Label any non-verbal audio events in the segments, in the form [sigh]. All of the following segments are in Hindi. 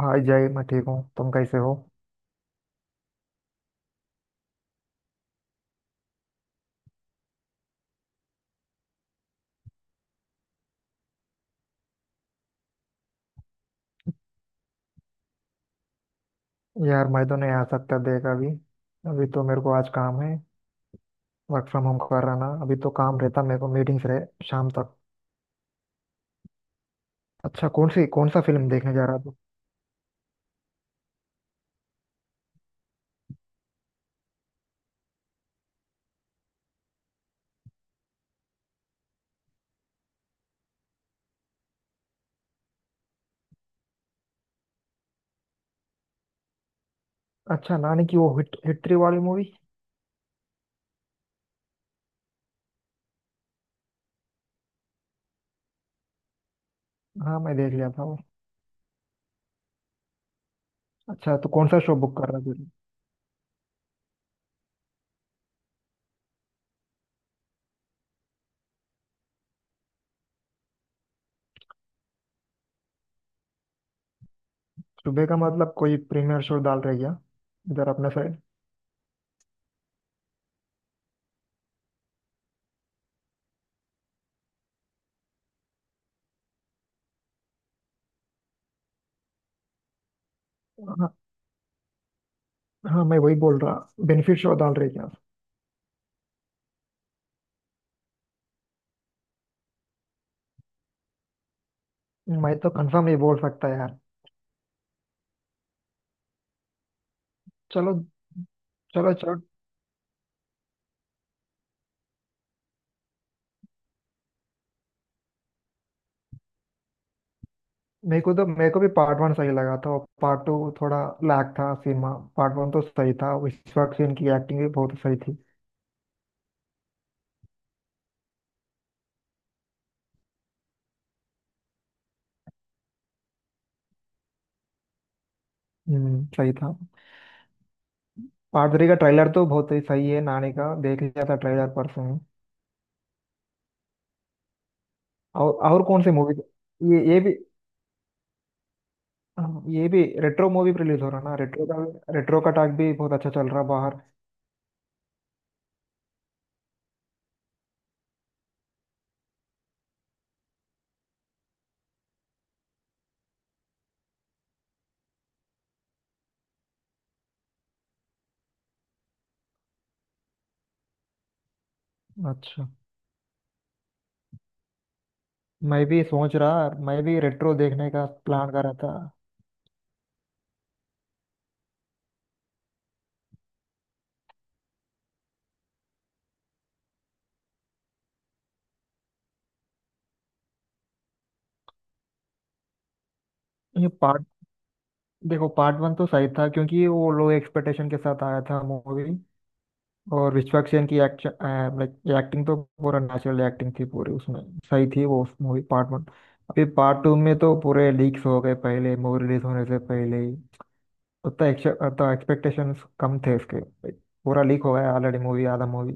हाय जय, मैं ठीक हूँ। तुम कैसे हो? यार, मैं तो नहीं आ सकता देख अभी। अभी तो मेरे को आज काम है। वर्क फ्रॉम होम कर रहा ना, अभी तो काम रहता मेरे को, मीटिंग्स रहे शाम तक। अच्छा, कौन सा फिल्म देखने जा रहा तू? अच्छा, नानी की वो हिट हिटरी वाली मूवी? हाँ, मैं देख लिया था वो। अच्छा, तो कौन सा शो बुक कर रहा है तुझे? सुबह का मतलब कोई प्रीमियर शो डाल रही क्या इधर अपने साइड? हाँ, हाँ, मैं वही बोल रहा। बेनिफिट शो डाल रही क्या? मैं तो कंफर्म ये बोल सकता है यार। चलो, चलो, चलो। मेरे को भी पार्ट वन सही लगा था, और पार्ट टू थोड़ा लैग था सीन में। पार्ट वन तो सही था, विश्वास सेन की एक्टिंग भी बहुत सही थी। सही था। पार्ट थ्री का ट्रेलर तो बहुत ही सही है नानी का, देख लिया था ट्रेलर परसों ही। और कौन सी मूवी? ये भी। हाँ, ये भी रेट्रो मूवी रिलीज हो रहा ना, रेट्रो का टॉक भी बहुत अच्छा चल रहा बाहर। अच्छा, मैं भी रेट्रो देखने का प्लान कर रहा था। ये पार्ट देखो, पार्ट वन तो सही था क्योंकि वो लो एक्सपेक्टेशन के साथ आया था मूवी। और विश्वक सेन की एक्टिंग तो पूरा नेचुरल एक्टिंग थी पूरी उसमें। सही थी वो मूवी पार्ट वन। अभी पार्ट टू में तो पूरे लीक्स हो गए पहले, मूवी रिलीज होने से पहले ही उतना उतना एक्सपेक्टेशंस कम थे उसके, पूरा लीक हो गया ऑलरेडी मूवी, आधा मूवी।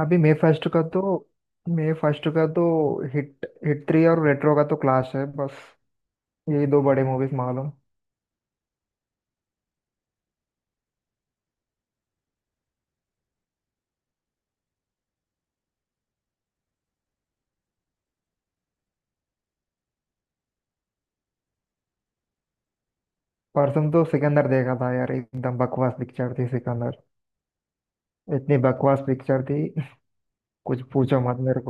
अभी मे फर्स्ट का तो हिट हिट थ्री और रेट्रो का तो क्लाश है बस। यही दो बड़े मूवीज मालूम। परसों तो सिकंदर देखा था यार, एकदम बकवास पिक्चर थी सिकंदर। इतनी बकवास पिक्चर थी। [laughs] कुछ पूछो मत मेरे।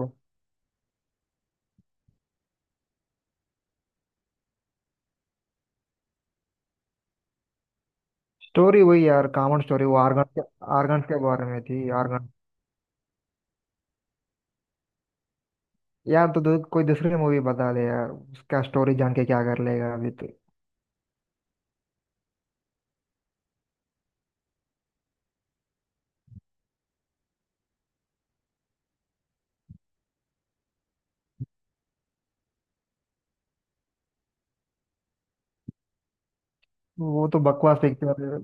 स्टोरी वही यार, कॉमन स्टोरी, वो आर्गन के बारे में थी आर्गन। यार, कोई दूसरी मूवी बता दे यार, उसका स्टोरी जान के क्या कर लेगा अभी तो। वो तो बकवास पिक्चर है।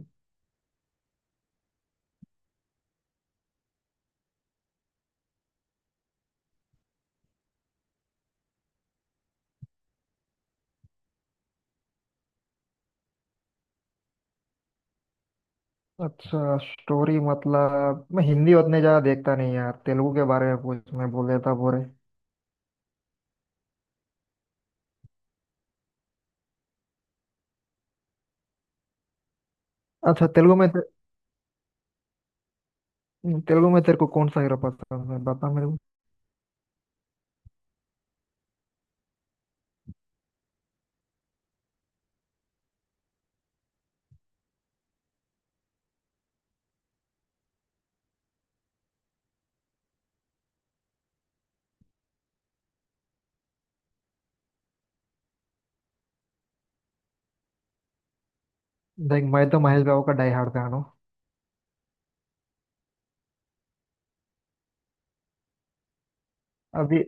अच्छा, स्टोरी मतलब मैं हिंदी उतने ज्यादा देखता नहीं यार, तेलुगु के बारे में पूछ मैं बोल देता पूरे। अच्छा, तेलुगु में तेलुगु में तेरे को कौन सा हीरो पसंद है बता मेरे को? देख, मैं तो महेश बाबू का डाई हार्ड फैन हूँ। अभी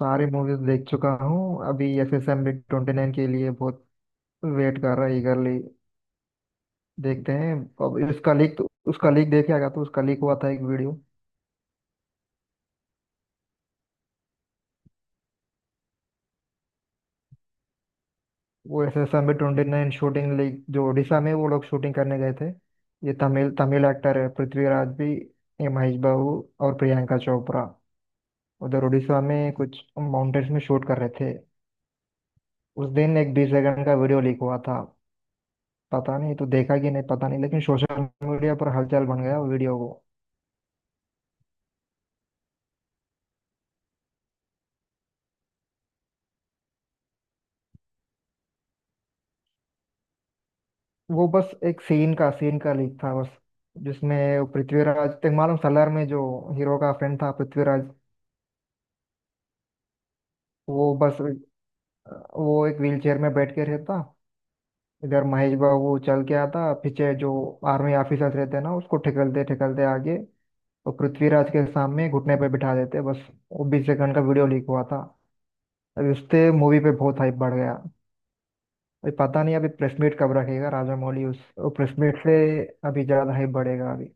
सारी मूवीज देख चुका हूँ, अभी एस एस एम 29 के लिए बहुत वेट कर रहा है eagerly। देखते हैं। अब उसका लीक तो, उसका लीक देखे आएगा तो, उसका लीक हुआ था एक वीडियो। वो एस एस में 29 शूटिंग लीग जो उड़ीसा में, वो लोग शूटिंग करने गए थे। ये तमिल तमिल एक्टर है पृथ्वीराज भी, ये महेश बाबू और प्रियंका चोपड़ा, उधर उड़ीसा में कुछ माउंटेन्स में शूट कर रहे थे। उस दिन एक 20 सेकंड का वीडियो लीक हुआ था। पता नहीं तो देखा कि नहीं, पता नहीं, लेकिन सोशल मीडिया पर हलचल बन गया वीडियो को। वो बस एक सीन का लीक था बस, जिसमें पृथ्वीराज, तक मालूम सलार में जो हीरो का फ्रेंड था पृथ्वीराज, वो बस वो एक व्हीलचेयर में बैठ के रहता, इधर महेश बाबू चल के आता, पीछे जो आर्मी ऑफिसर्स रहते हैं ना, उसको ठेकलते ठेकलते आगे और पृथ्वीराज के सामने घुटने पे बिठा देते बस। वो 20 सेकंड का वीडियो लीक हुआ था। अभी उससे मूवी पे बहुत हाइप बढ़ गया। अभी पता नहीं अभी प्रेस मीट कब रखेगा राजा मौली, उस प्रेस मीट से अभी ज्यादा हाइप बढ़ेगा अभी।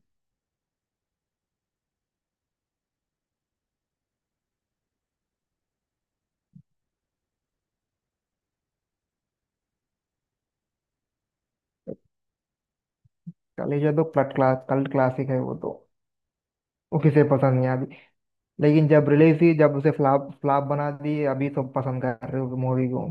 चलिए, ये तो क्लट क्लास कल्ट क्लासिक है वो तो, वो किसे पसंद नहीं आती? लेकिन जब रिलीज हुई जब उसे फ्लॉप फ्लॉप बना दी, अभी सब पसंद कर रहे हो मूवी को।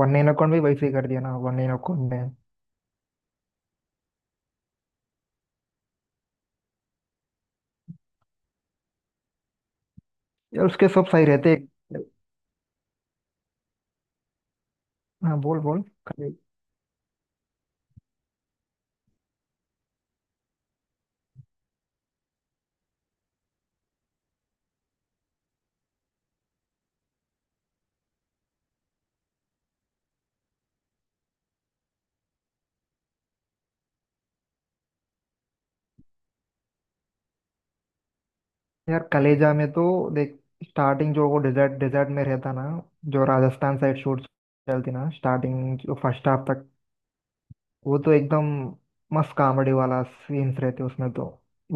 वन नाइन अकाउंट भी वैसे ही कर दिया ना, वन नाइन अकाउंट ने। यार उसके सब सही रहते। हाँ, बोल बोल कले- यार कलेजा में तो देख, स्टार्टिंग जो वो डेजर्ट डेजर्ट में रहता ना, जो राजस्थान साइड शूट चलती ना, स्टार्टिंग जो फर्स्ट हाफ तक, वो तो एकदम मस्त कॉमेडी वाला सीन्स रहते उसमें तो।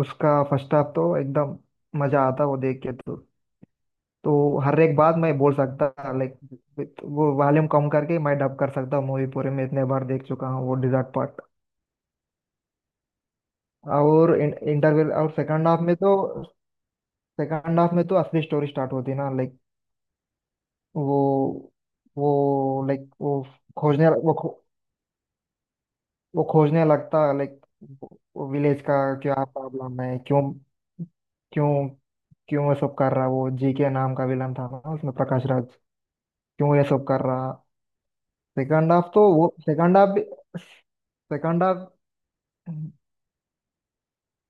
उसका फर्स्ट हाफ तो एकदम मजा आता वो देख के तो। तो हर एक बात मैं बोल सकता लाइक, वो वॉल्यूम कम करके मैं डब कर सकता हूँ मूवी पूरे में, इतने बार देख चुका हूँ वो डिजर्ट पार्ट। और इंटरवल और सेकंड हाफ में तो असली स्टोरी स्टार्ट होती है ना लाइक। वो वो लाइक वो खोजने वो खो, वो खोजने लगता है, वो विलेज का क्या प्रॉब्लम है, क्यों, क्यों, क्यों ये सब कर रहा, वो जी के नाम का विलन था ना उसमें प्रकाश राज, क्यों ये सब कर रहा? सेकंड हाफ तो वो सेकंड हाफ सेकंड हाफ।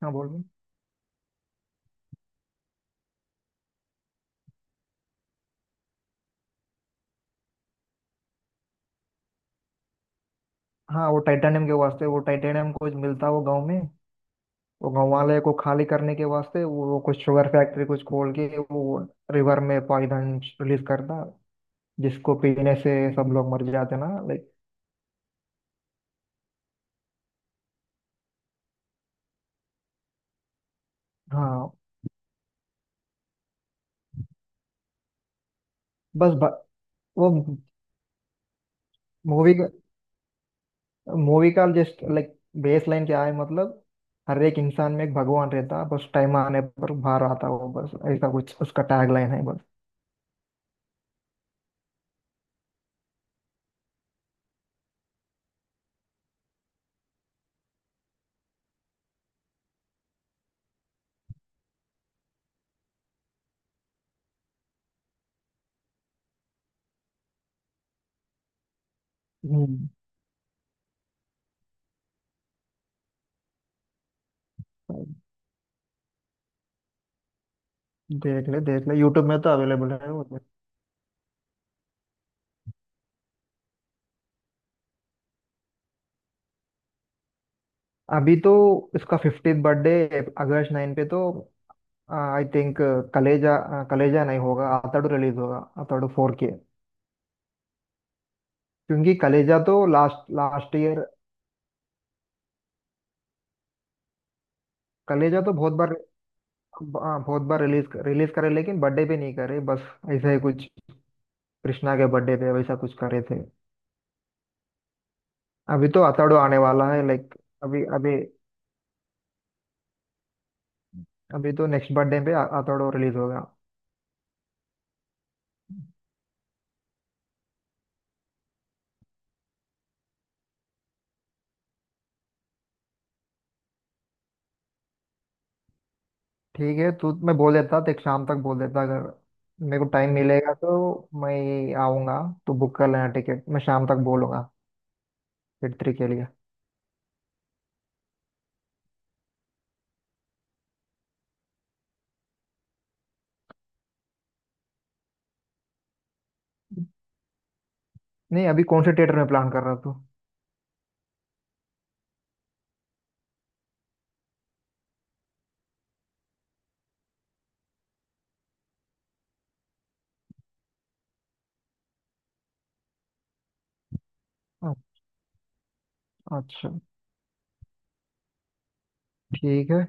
हाँ, बोल रहे। हाँ, वो टाइटेनियम के वास्ते, वो टाइटेनियम कुछ मिलता वो गांव में, वो गांव वाले को खाली करने के वास्ते वो कुछ शुगर फैक्ट्री कुछ खोल के, वो रिवर में पॉइजन रिलीज करता, जिसको पीने से सब लोग मर जाते ना लाइक। हाँ, बस ब, वो मूवी का मूवी का जस्ट लाइक बेस लाइन क्या है मतलब, हर एक इंसान में एक भगवान रहता बस, टाइम आने पर बाहर आता वो बस, ऐसा कुछ उसका टैग लाइन है बस। हम्म देख ले, देख ले, यूट्यूब में तो अवेलेबल है वो तो। अभी तो इसका 50th बर्थडे अगस्त 9 पे तो, आई थिंक कलेजा नहीं होगा, आतड़ू रिलीज होगा, आतड़ू 4 के, क्योंकि कलेजा तो लास्ट लास्ट ईयर, कलेजा तो बहुत बार रिलीज रिलीज करे लेकिन बर्थडे पे नहीं करे बस, ऐसा ही कुछ कृष्णा के बर्थडे पे वैसा कुछ करे थे। अभी तो आतड़ू आने वाला है लाइक, अभी अभी। अभी तो नेक्स्ट बर्थडे पे आतड़ू रिलीज होगा। ठीक है तू, मैं बोल देता देख शाम तक बोल देता, अगर मेरे को टाइम मिलेगा तो मैं आऊँगा, तो बुक कर लेना टिकट, मैं शाम तक बोलूँगा थिएटर 3 के लिए। नहीं, अभी कौन से थिएटर में प्लान कर रहा तू? अ- अच्छा। ठीक है।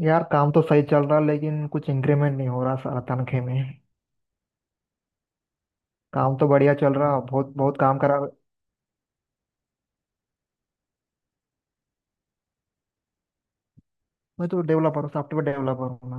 यार, काम तो सही चल रहा लेकिन कुछ इंक्रीमेंट नहीं हो रहा साला तनख्वाह में। काम तो बढ़िया चल रहा, बहुत बहुत काम करा। मैं तो डेवलपर हूँ, सॉफ्टवेयर डेवलपर हूँ ना।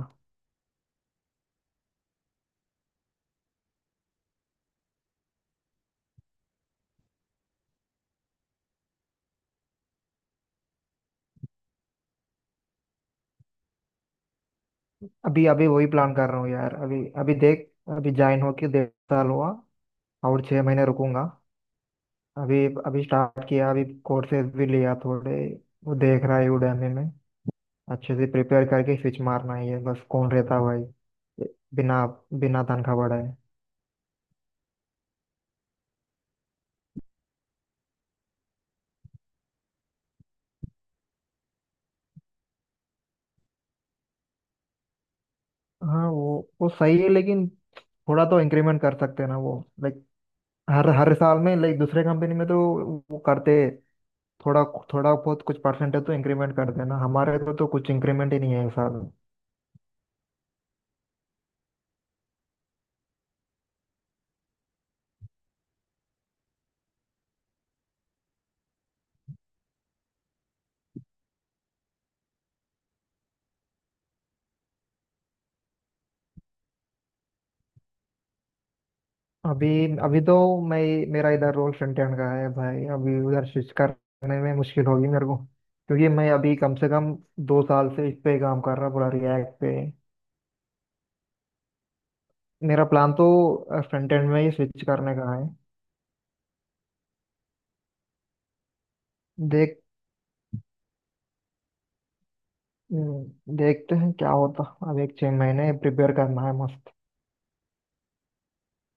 अभी अभी वही प्लान कर रहा हूँ यार, अभी अभी देख, अभी ज्वाइन होके 1.5 साल हुआ, और 6 महीने रुकूंगा। अभी अभी स्टार्ट किया अभी, कोर्सेज भी लिया थोड़े, वो देख रहा है udemy में, अच्छे से प्रिपेयर करके स्विच मारना ही है बस, कौन रहता भाई ये बिना बिना तनख्वाह बढ़ाए। हाँ, वो सही है लेकिन थोड़ा तो इंक्रीमेंट कर सकते हैं ना वो, लाइक, हर हर साल में लाइक, दूसरे कंपनी में तो वो करते, थोड़ा थोड़ा बहुत कुछ परसेंटेज तो इंक्रीमेंट करते हैं ना, हमारे तो कुछ इंक्रीमेंट ही नहीं है इस साल। अभी, अभी तो मैं मेरा इधर रोल फ्रंट एंड का है भाई, अभी उधर स्विच करने में मुश्किल होगी मेरे को, क्योंकि मैं अभी कम से कम 2 साल से इस पे काम कर रहा पूरा रिएक्ट पे। मेरा प्लान तो फ्रंट एंड में ही स्विच करने का है। देख, देखते हैं क्या होता। अब एक 6 महीने प्रिपेयर करना है मस्त।